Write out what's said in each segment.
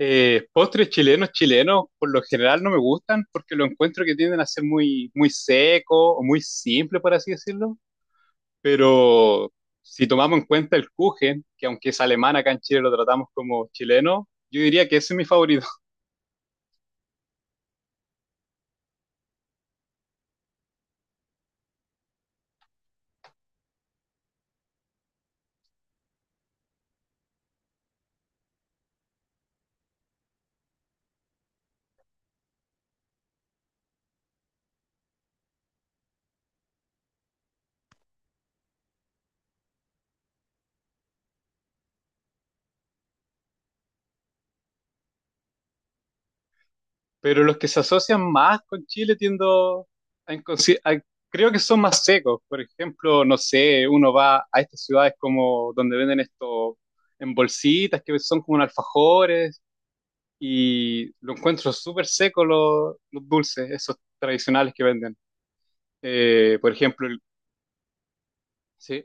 Postres chilenos, chilenos, por lo general no me gustan porque lo encuentro que tienden a ser muy seco o muy simple, por así decirlo. Pero si tomamos en cuenta el Kuchen, que aunque es alemán, acá en Chile lo tratamos como chileno, yo diría que ese es mi favorito. Pero los que se asocian más con Chile tiendo a, creo que son más secos. Por ejemplo, no sé, uno va a estas ciudades como donde venden esto en bolsitas, que son como un alfajores y lo encuentro súper seco los dulces, esos tradicionales que venden. Por ejemplo, sí,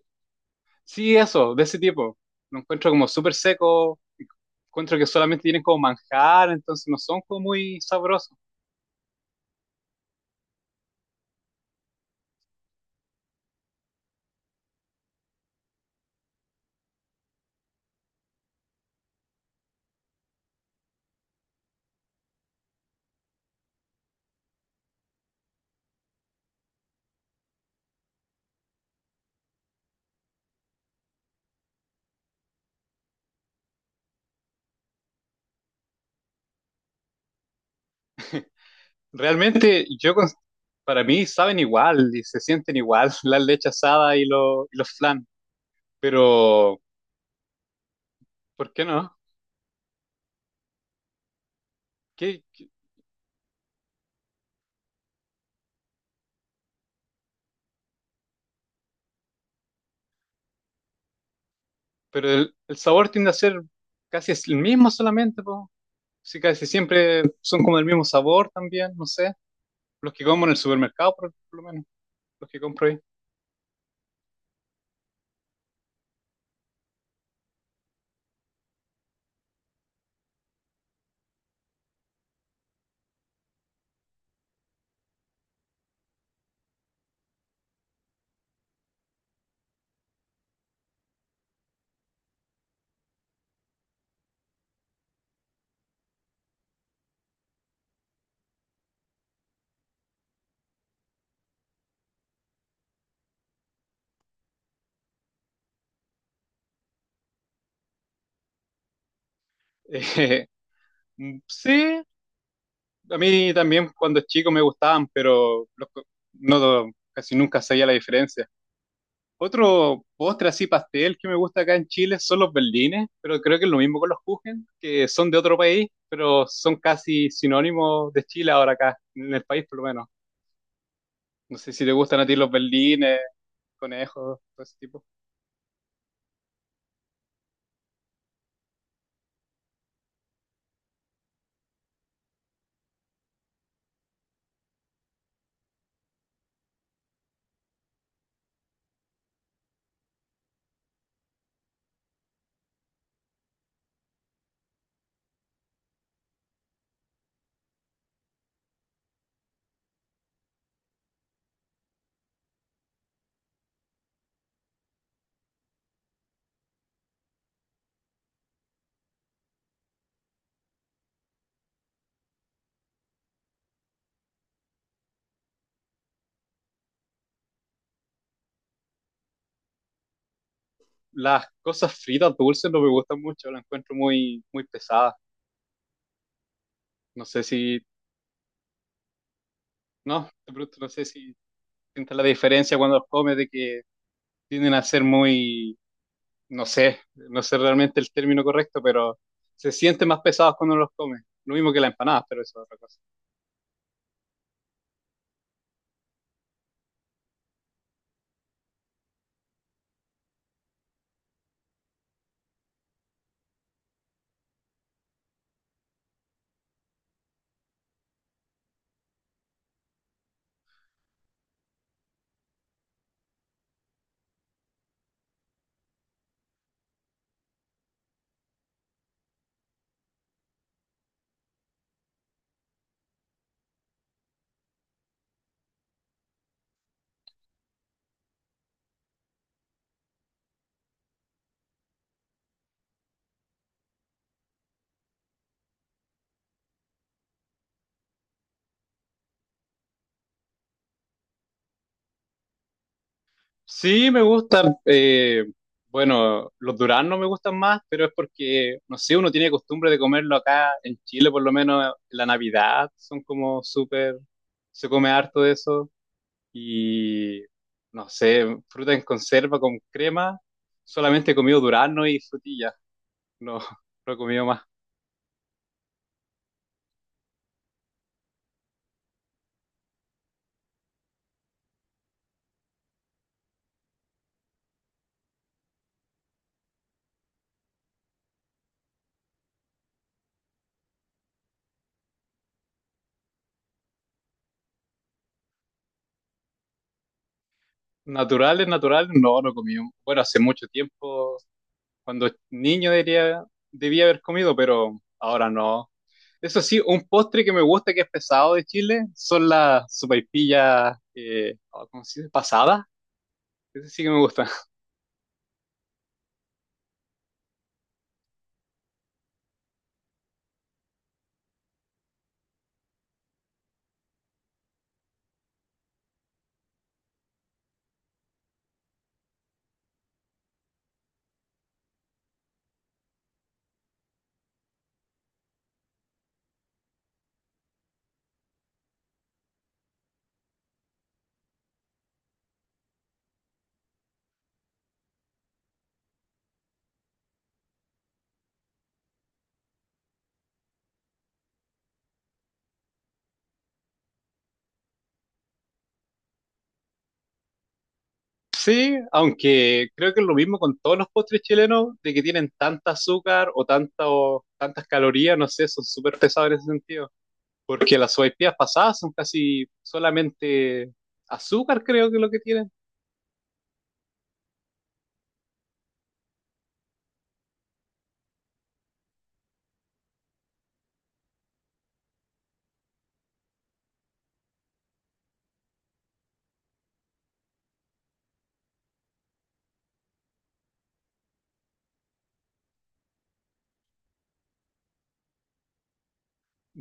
sí, eso, de ese tipo. Lo encuentro como súper seco, encuentro que solamente tienen como manjar, entonces no son como muy sabrosos. Realmente para mí, saben igual y se sienten igual la leche asada y, y los flan, pero ¿por qué no? ¿Qué- qué- Pero el sabor tiende a ser casi el mismo solamente, po. Sí, casi siempre son como del mismo sabor también, no sé. Los que como en el supermercado, por lo menos, los que compro ahí. Eh, sí, a mí también cuando chico me gustaban, no casi nunca sabía la diferencia. Otro postre así pastel que me gusta acá en Chile son los berlines, pero creo que es lo mismo con los kuchen, que son de otro país, pero son casi sinónimos de Chile ahora acá, en el país por lo menos. No sé si te gustan a ti los berlines, conejos, todo ese tipo. Las cosas fritas dulces no me gustan mucho, las encuentro muy pesadas. No sé si, no, de pronto no sé si sientes la diferencia cuando las comes de que tienden a ser no sé, no sé realmente el término correcto, pero se sienten más pesados cuando los comes. Lo mismo que las empanadas, pero eso es otra cosa. Sí, me gustan. Bueno, los duraznos me gustan más, pero es porque, no sé, uno tiene costumbre de comerlo acá en Chile, por lo menos en la Navidad, son como súper, se come harto de eso. Y, no sé, fruta en conserva con crema, solamente he comido durazno y frutilla, no, no he comido más. Naturales, naturales, no, no comí. Bueno, hace mucho tiempo, cuando niño diría, debía haber comido, pero ahora no. Eso sí, un postre que me gusta, que es pesado de Chile, son las sopaipillas, oh, ¿cómo se dice? Pasadas. Ese sí que me gusta. Sí, aunque creo que es lo mismo con todos los postres chilenos, de que tienen tanta azúcar o, tanta, o tantas calorías, no sé, son súper pesados en ese sentido. Porque las sopaipillas pasadas son casi solamente azúcar, creo que es lo que tienen.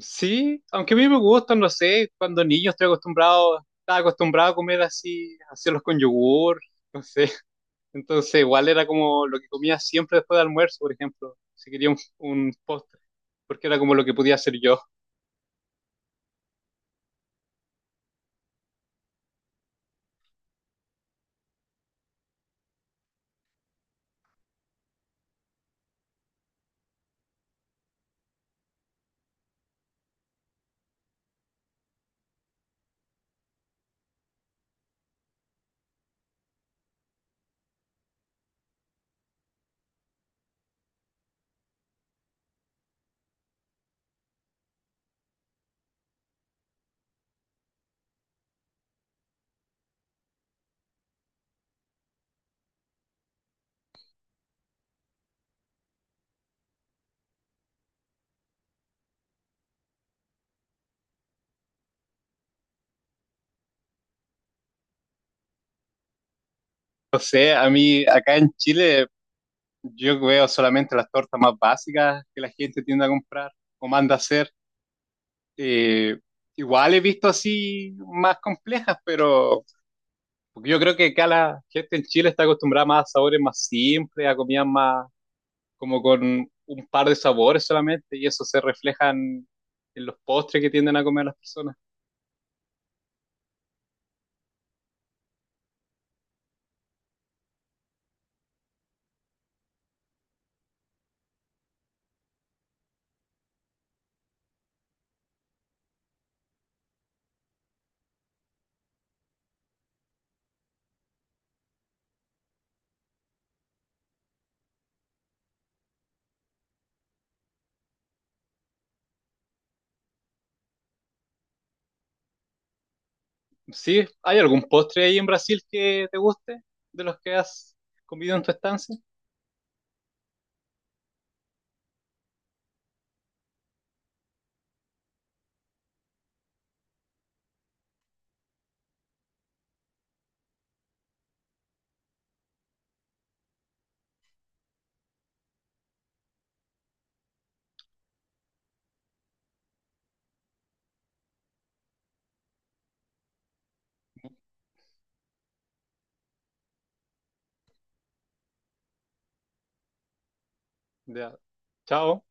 Sí, aunque a mí me gustan, no sé, cuando niño estoy acostumbrado, estaba acostumbrado a comer así, hacerlos con yogur, no sé. Entonces, igual era como lo que comía siempre después del almuerzo, por ejemplo, si quería un postre, porque era como lo que podía hacer yo. No sé, a mí acá en Chile yo veo solamente las tortas más básicas que la gente tiende a comprar o manda a hacer. Eh, Igual he visto así más complejas, pero porque yo creo que acá la gente en Chile está acostumbrada más a sabores más simples, a comidas más como con un par de sabores solamente, y eso se refleja en los postres que tienden a comer las personas. ¿Sí? ¿Hay algún postre ahí en Brasil que te guste de los que has comido en tu estancia? Ya. Chao.